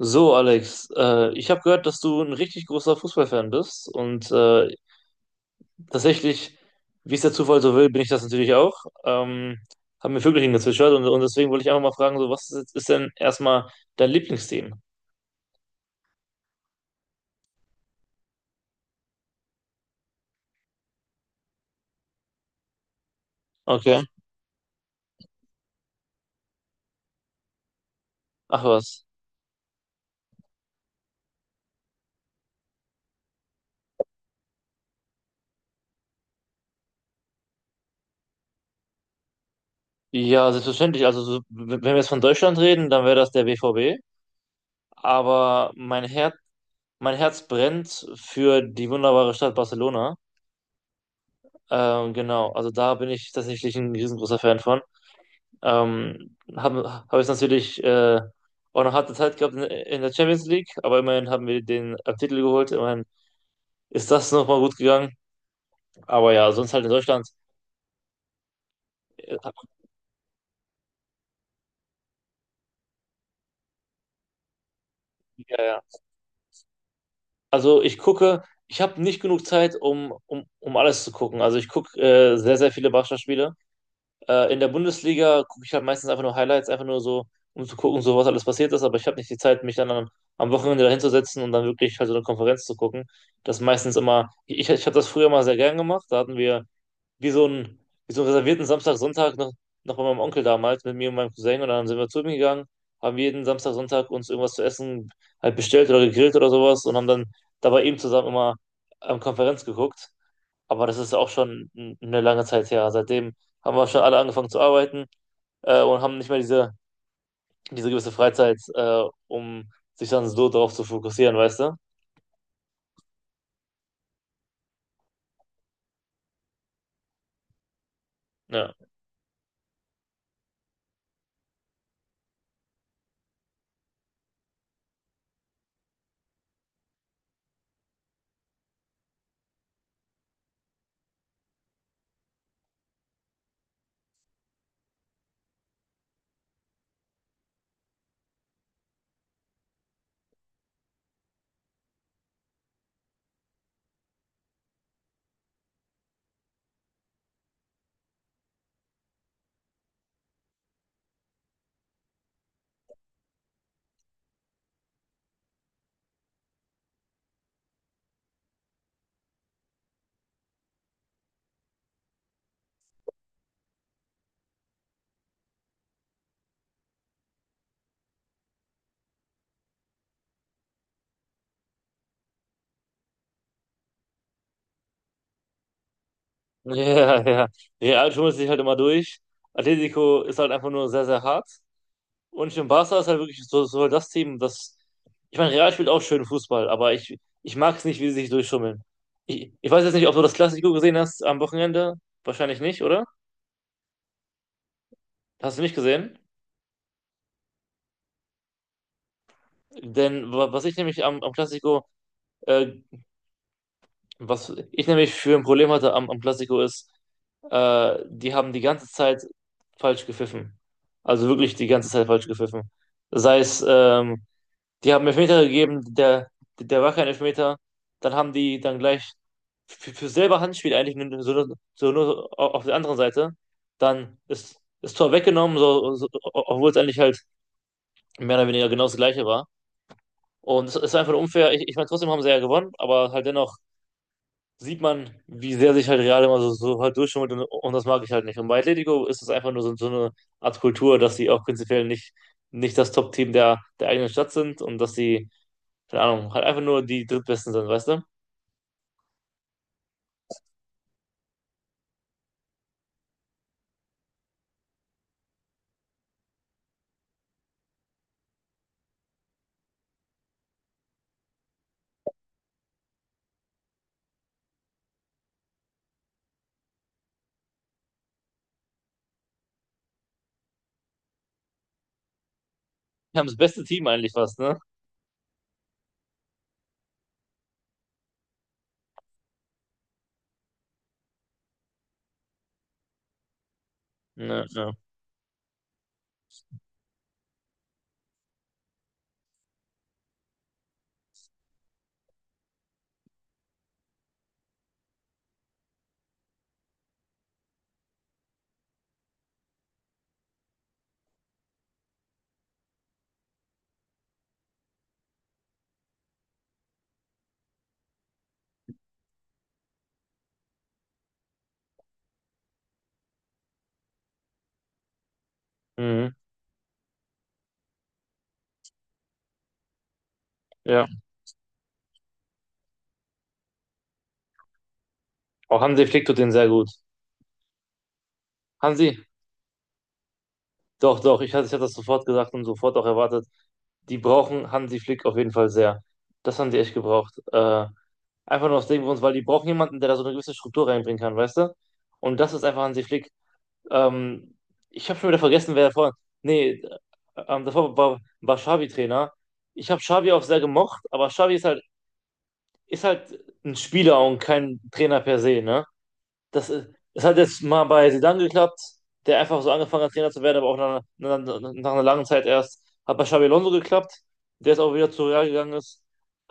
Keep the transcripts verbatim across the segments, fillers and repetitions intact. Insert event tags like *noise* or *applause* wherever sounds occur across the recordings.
So, Alex, äh, ich habe gehört, dass du ein richtig großer Fußballfan bist und äh, tatsächlich, wie es der Zufall so will, bin ich das natürlich auch. Ähm, Haben mir Vögelchen gezwitschert und, und deswegen wollte ich einfach mal fragen, so was ist, ist denn erstmal dein Lieblingsteam? Okay. Ach was. Ja, selbstverständlich. Also so, w- wenn wir jetzt von Deutschland reden, dann wäre das der B V B. Aber mein Herz, mein Herz brennt für die wunderbare Stadt Barcelona. Ähm, genau, also da bin ich tatsächlich ein riesengroßer Fan von. Ähm, habe hab es natürlich äh, auch noch harte Zeit gehabt in, in der Champions League, aber immerhin haben wir den äh, Titel geholt. Immerhin ist das nochmal gut gegangen. Aber ja, sonst halt in Deutschland. äh, Ja, ja. Also ich gucke, ich habe nicht genug Zeit, um, um, um alles zu gucken. Also ich gucke äh, sehr, sehr viele Barca-Spiele. Äh, in der Bundesliga gucke ich halt meistens einfach nur Highlights, einfach nur so, um zu gucken, so was alles passiert ist, aber ich habe nicht die Zeit, mich dann am, am Wochenende dahinzusetzen und dann wirklich halt so eine Konferenz zu gucken. Das ist meistens immer, ich, ich habe das früher mal sehr gern gemacht, da hatten wir wie so einen, wie so einen reservierten Samstag, Sonntag noch, noch bei meinem Onkel damals mit mir und meinem Cousin und dann sind wir zu ihm gegangen, haben jeden Samstag, Sonntag uns irgendwas zu essen halt bestellt oder gegrillt oder sowas und haben dann dabei eben zusammen immer am Konferenz geguckt. Aber das ist auch schon n- eine lange Zeit her. Seitdem haben wir schon alle angefangen zu arbeiten äh, und haben nicht mehr diese, diese gewisse Freizeit, äh, um sich dann so darauf zu fokussieren, weißt du? Ja. *laughs* Ja, ja. Real schummelt sich halt immer durch. Atletico ist halt einfach nur sehr, sehr hart. Und im Barca ist halt wirklich so, so das Team, das. Ich meine, Real spielt auch schön Fußball, aber ich, ich mag es nicht, wie sie sich durchschummeln. Ich, ich weiß jetzt nicht, ob du das Klassiko gesehen hast am Wochenende. Wahrscheinlich nicht, oder? Hast du nicht gesehen? Denn wa- was ich nämlich am, am Classico, äh, was ich nämlich für ein Problem hatte am, am Classico ist, äh, die haben die ganze Zeit falsch gepfiffen. Also wirklich die ganze Zeit falsch gepfiffen. Sei es, ähm, die haben Elfmeter gegeben, der, der war kein Elfmeter. Dann haben die dann gleich für, für selber Handspiel eigentlich nur- so, nur- so nur au- auf der anderen Seite. Dann ist das Tor weggenommen, so, so, obwohl es eigentlich halt mehr oder weniger genau das Gleiche war. Und es ist einfach unfair. Ich, ich meine, trotzdem haben sie ja gewonnen, aber halt dennoch sieht man, wie sehr sich halt Real immer so, so halt durchschummelt und, und das mag ich halt nicht. Und bei Atletico ist es einfach nur so, so eine Art Kultur, dass sie auch prinzipiell nicht, nicht das Top-Team der, der eigenen Stadt sind und dass sie, keine Ahnung, halt einfach nur die Drittbesten sind, weißt du? Die haben das beste Team eigentlich fast, ne? Ja, ja. Mhm. Ja. Auch Hansi Flick tut den sehr gut. Hansi, doch, doch, ich, hatte- ich hatte das sofort gesagt und sofort auch erwartet. Die brauchen Hansi Flick auf jeden Fall sehr. Das haben die echt gebraucht. Äh, einfach nur aus dem Grund, weil die brauchen jemanden, der da so eine gewisse Struktur reinbringen kann, weißt du? Und das ist einfach Hansi Flick. Ähm, Ich habe schon wieder vergessen, wer davor. Nee, ähm, davor war, war Xavi Trainer. Ich habe Xavi auch sehr gemocht, aber Xavi ist halt, ist halt ein Spieler und kein Trainer per se, ne? Das, ist- das hat jetzt mal bei Zidane geklappt, der einfach so angefangen hat, Trainer zu werden, aber auch nach, einer- nach, einer- nach einer langen Zeit erst. Hat bei Xabi Alonso geklappt, der jetzt auch wieder zu Real gegangen ist.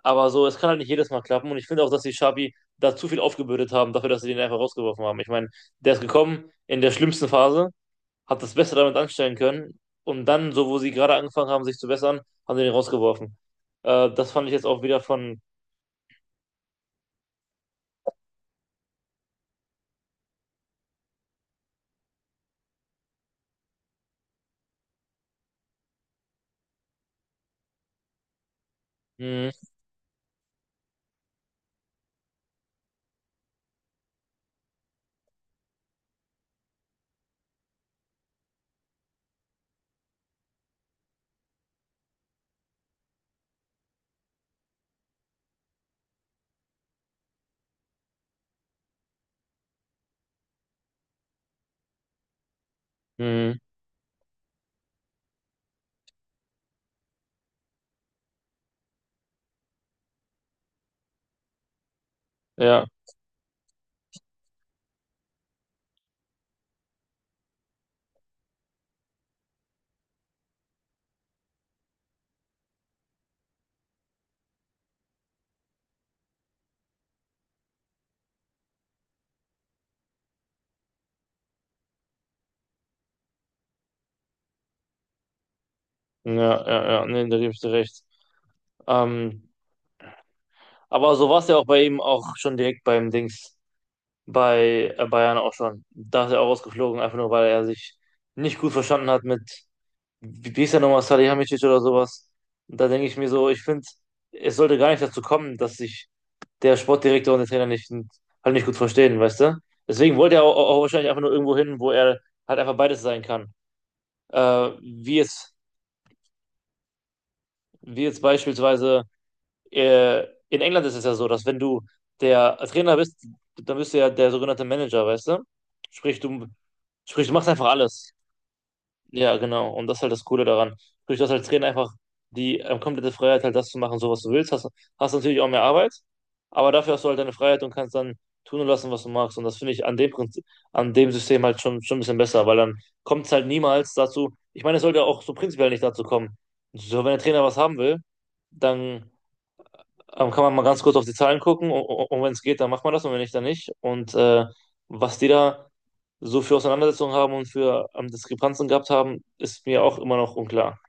Aber so, es kann halt nicht jedes Mal klappen. Und ich finde auch, dass die Xabi da zu viel aufgebürdet haben, dafür, dass sie den einfach rausgeworfen haben. Ich meine, der ist gekommen in der schlimmsten Phase, hat das Beste damit anstellen können. Und dann, so wo sie gerade angefangen haben, sich zu bessern, haben sie den rausgeworfen. Äh, das fand ich jetzt auch wieder von. Hm, hm, ja, ja, ja, ja, nee, da gebe ich dir recht. Ähm, Aber so war es ja auch bei ihm auch schon direkt beim Dings, bei äh, Bayern auch schon. Da ist er auch rausgeflogen, einfach nur weil er sich nicht gut verstanden hat mit, wie wie hieß er nochmal, Salihamidzic oder sowas. Und da denke ich mir so, ich finde, es sollte gar nicht dazu kommen, dass sich der Sportdirektor und der Trainer nicht, halt nicht gut verstehen, weißt du? Deswegen wollte er auch, auch wahrscheinlich einfach nur irgendwo hin, wo er halt einfach beides sein kann. Äh, Wie jetzt, wie jetzt beispielsweise äh, in England ist es ja so, dass wenn du der Trainer bist, dann bist du ja der sogenannte Manager, weißt du? Sprich, du, Sprich, du machst einfach alles. Ja, genau. Und das ist halt das Coole daran. Sprich, du hast als Trainer einfach die ähm, komplette Freiheit, halt das zu machen, so was du willst. Hast, hast natürlich auch mehr Arbeit, aber dafür hast du halt deine Freiheit und kannst dann tun und lassen, was du magst. Und das finde ich an dem Prinzip, an dem System halt schon, schon ein bisschen besser, weil dann kommt es halt niemals dazu. Ich meine, es sollte auch so prinzipiell nicht dazu kommen. So, wenn der Trainer was haben will, dann ähm, kann man mal ganz kurz auf die Zahlen gucken und, und wenn es geht, dann macht man das und wenn nicht, dann nicht. Und äh, was die da so für Auseinandersetzungen haben und für ähm, Diskrepanzen gehabt haben, ist mir auch immer noch unklar.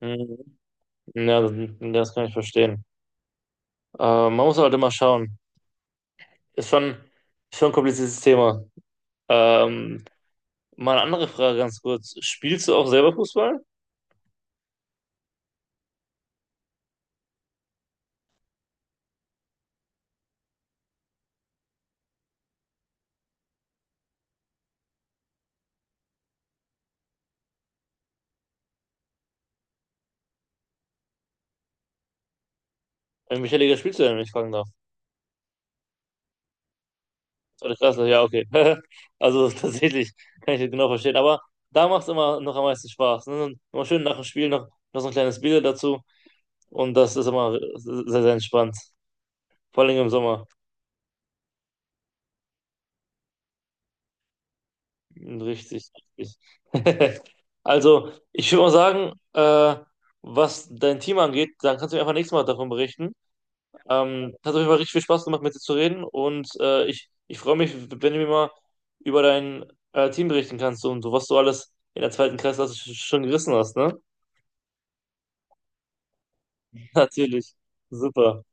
Mhm. Ja, das, das kann ich verstehen. Ähm, man muss halt immer schauen. Ist schon, ist schon ein kompliziertes Thema. Ähm, Mal eine andere Frage ganz kurz. Spielst du auch selber Fußball? In welcher Liga spielst du denn, wenn ich fragen darf? Zweite Klasse, ja, okay. *laughs* Also tatsächlich kann ich das genau verstehen. Aber da macht es immer noch am meisten Spaß. Ne? Immer schön nach dem Spiel noch, noch so ein kleines Bier dazu. Und das ist immer sehr, sehr entspannt. Vor allem im Sommer. Richtig, richtig. *laughs* Also, ich würde mal sagen, äh, was dein Team angeht, dann kannst du mir einfach nächstes Mal davon berichten. Ähm, hat auf jeden Fall richtig viel Spaß gemacht, mit dir zu reden und äh, ich, ich freue mich, wenn du mir mal über dein äh, Team berichten kannst und so, was du alles in der zweiten Kreisklasse sch- schon gerissen hast, ne? *laughs* Natürlich. Super.